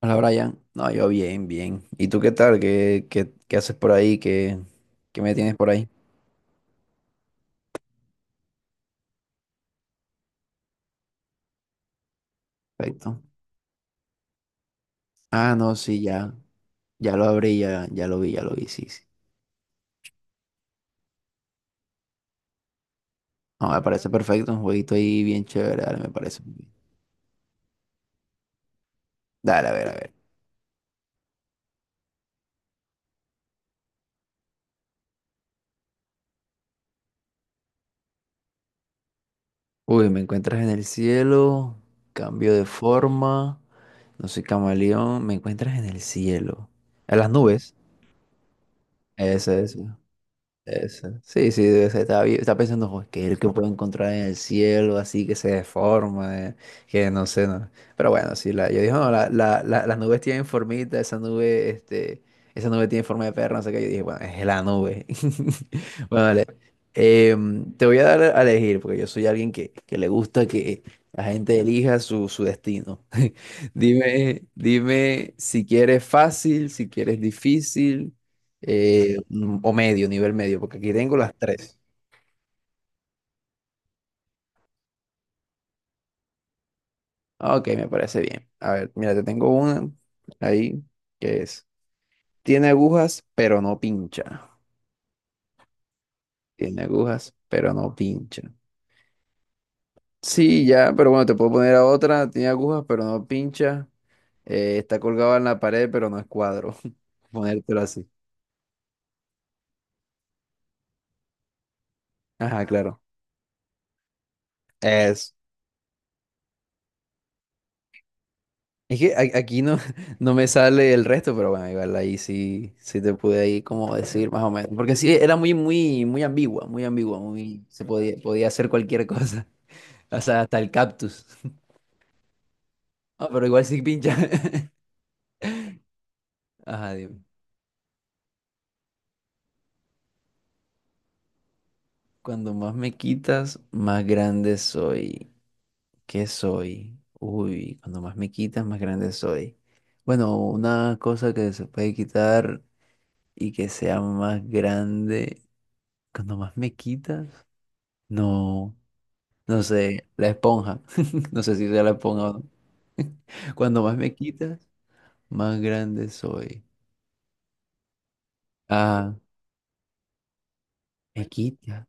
Hola Brian, no, yo bien, bien. ¿Y tú qué tal? ¿Qué haces por ahí? ¿Qué me tienes por ahí? Perfecto. Ah, no, sí, ya, ya lo abrí, ya, ya lo vi, sí, sí. No, me parece perfecto, un jueguito ahí bien chévere, dale, me parece muy bien. Dale, a ver. Uy, me encuentras en el cielo, cambio de forma, no soy camaleón, me encuentras en el cielo. En las nubes. Ese es. Eso. Sí, sí, debe ser. Estaba pensando, "Jo, ¿qué es el que puedo encontrar en el cielo así que se deforma? Que no sé, no". Pero bueno, sí, yo dije, no, las nubes tienen formita, esa nube tiene forma de perro, no sé qué. Yo dije, bueno, es la nube. Bueno, vale. Te voy a dar a elegir, porque yo soy alguien que le gusta que la gente elija su destino. Dime, dime si quieres fácil, si quieres difícil, o medio, nivel medio, porque aquí tengo las tres. Ok, me parece bien. A ver, mira, te tengo una ahí que es, tiene agujas, pero no pincha. Tiene agujas, pero no pincha. Sí, ya, pero bueno, te puedo poner a otra. Tiene agujas, pero no pincha. Está colgado en la pared, pero no es cuadro. Ponértelo así. Ajá, claro. Es que aquí no, no me sale el resto, pero bueno, igual ahí sí, sí te pude ahí como decir más o menos. Porque sí, era muy ambigua, muy ambigua, muy, se podía, podía hacer cualquier cosa. O sea, hasta el cactus. Ah, pero igual sí pincha. Ajá, dime. Cuando más me quitas, más grande soy. ¿Qué soy? Uy, cuando más me quitas, más grande soy. Bueno, una cosa que se puede quitar y que sea más grande. Cuando más me quitas, no. No sé, la esponja. No sé si sea la esponja o no. Cuando más me quitas, más grande soy. Ah, me quita.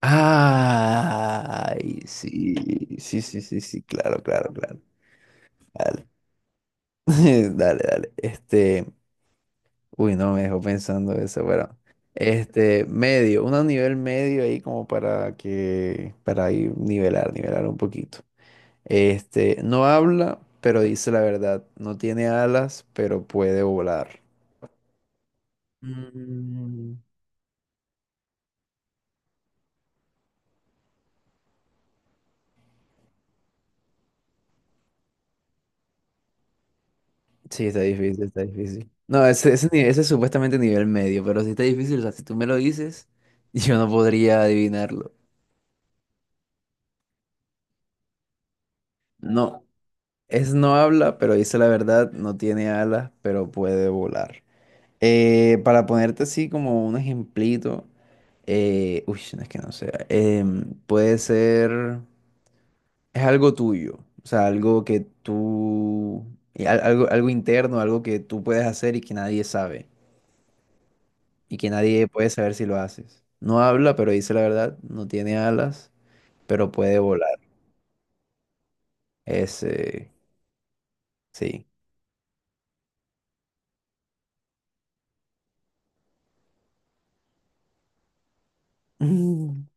Ay, sí, sí, sí, sí, sí, claro, claro, claro. Dale, dale, dale. Este, uy, no, me dejó pensando eso, bueno. Este, medio, un nivel medio ahí como para para ir nivelar, nivelar un poquito. Este, no habla, pero dice la verdad. No tiene alas, pero puede volar. Mm. Sí, está difícil, está difícil. No, ese, ni- ese es supuestamente nivel medio, pero sí está difícil. O sea, si tú me lo dices, yo no podría adivinarlo. No, es no habla, pero dice la verdad, no tiene alas, pero puede volar. Para ponerte así como un ejemplito, no es que no sea. Puede ser, es algo tuyo, o sea, y algo, algo interno, algo que tú puedes hacer y que nadie sabe, y que nadie puede saber si lo haces. No habla, pero dice la verdad, no tiene alas, pero puede volar. Ese, sí. Mm.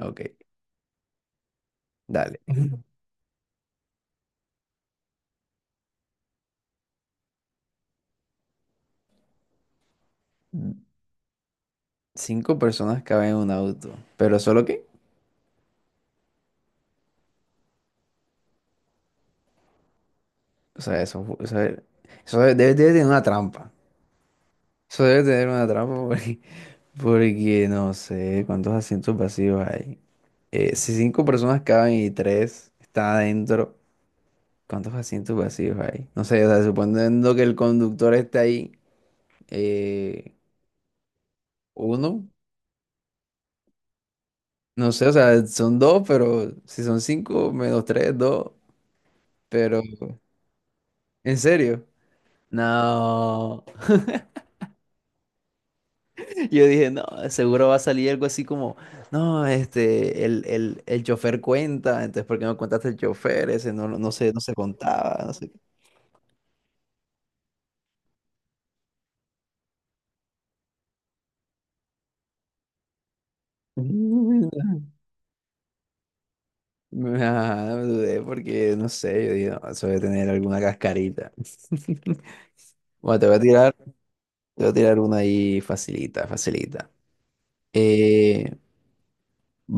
Ok, dale. Ujú. Cinco personas caben en un auto, pero solo que, o sea, debe tener una trampa. Eso debe tener una trampa porque, porque no sé cuántos asientos vacíos hay. Si cinco personas caben y tres están adentro. ¿Cuántos asientos vacíos hay? No sé, o sea, suponiendo que el conductor está ahí, eh, uno, no sé, o sea, son dos, pero si son cinco, menos tres, dos, pero, ¿en serio? No, yo dije, no, seguro va a salir algo así como, no, este, el chofer cuenta, entonces, ¿por qué no contaste el chofer? Ese no, no sé, no se contaba, no sé qué. Mm. Ajá, me dudé porque, no sé, yo dije, no, eso debe tener alguna cascarita. Bueno, te voy a tirar una ahí facilita, facilita. Eh,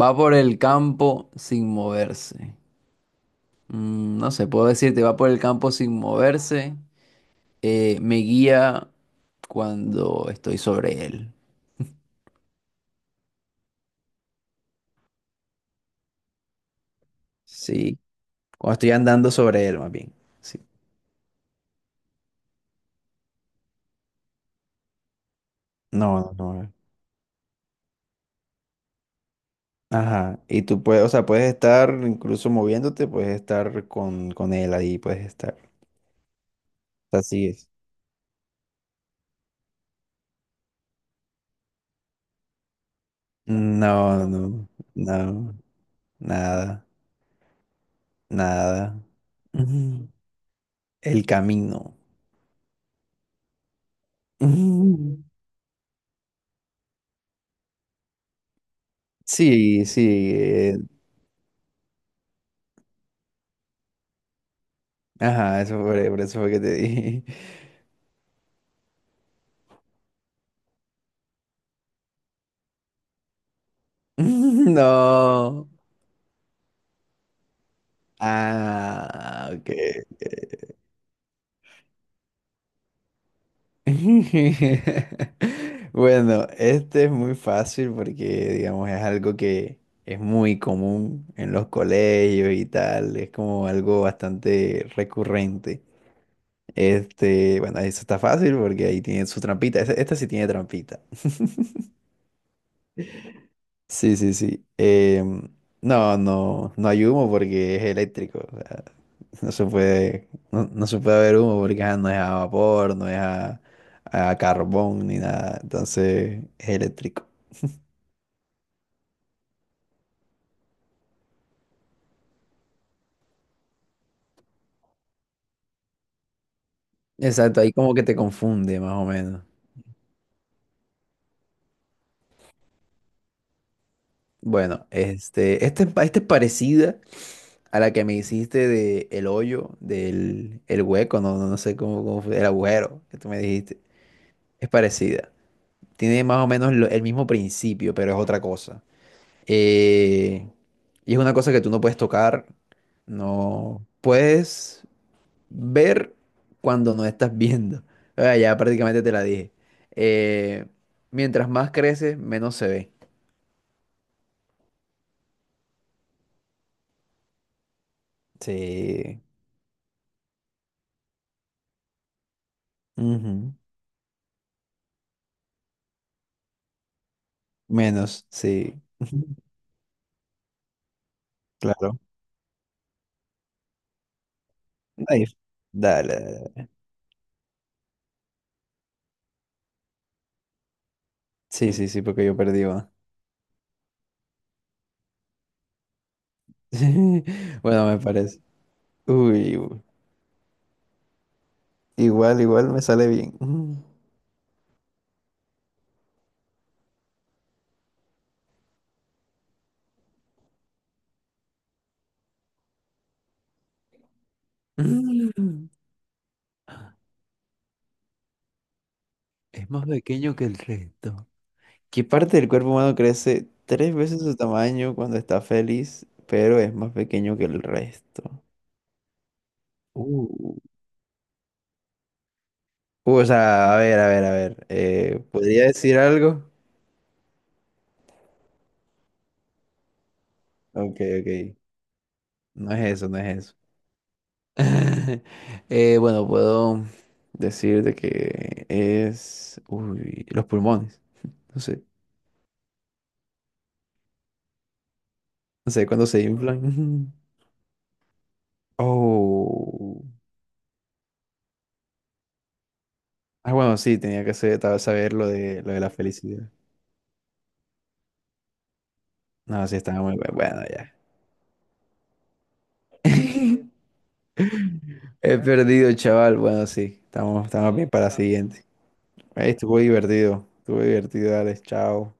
Va por el campo sin moverse. Mm, no sé, puedo decirte, va por el campo sin moverse. Me guía cuando estoy sobre él. Sí, cuando estoy andando sobre él, más bien. Sí. No, no, no. Ajá. Y tú puedes, o sea, puedes estar incluso moviéndote, puedes estar con él ahí, puedes estar. Así es. No, no, no, nada. Nada. Ujú. El camino. Ujú. Sí, sí. Ajá, eso fue, por eso fue que te dije. No. Ah, ok. Ok. Bueno, este es muy fácil porque, digamos, es algo que es muy común en los colegios y tal. Es como algo bastante recurrente. Este, bueno, eso está fácil porque ahí tiene su trampita. Esta, sí tiene trampita. Sí, sí, sí. No, no hay humo porque es eléctrico. O sea, no se puede, no, no se puede haber humo porque ajá, no es a vapor, no es a carbón ni nada. Entonces es eléctrico. Exacto, ahí como que te confunde más o menos. Bueno, esta es parecida. A la que me hiciste de del el hueco, no, no, no sé cómo, cómo fue, el agujero que tú me dijiste. Es parecida. Tiene más o menos el mismo principio, pero es otra cosa. Eh, y es una cosa que tú no puedes tocar, no puedes ver cuando no estás viendo. Ah, ya prácticamente te la dije. Eh, Mientras más creces, menos se ve. Sí. Ujú. Menos, sí. Claro. Ahí. Dale, dale. Sí, sí, sí, porque yo perdí, va. Bueno, me parece. Uy, u- Igual, igual me sale bien. Mm. Mm. Es más pequeño que el resto. ¿Qué parte del cuerpo humano crece tres veces su tamaño cuando está feliz, pero es más pequeño que el resto? Uh. O sea, a ver. ¿Podría decir algo? Ok, ok. No es eso, no es eso. Bueno, puedo decir de que es... Uy, los pulmones. No sé. No sé, cuando se inflan. Oh. Ah, bueno, sí, tal vez saber lo de la felicidad. No, sí, estaba bueno. Ya. He perdido, chaval. Bueno, sí, estamos, estamos bien para la siguiente. Ey, estuvo divertido. Estuvo divertido, Alex. Chao.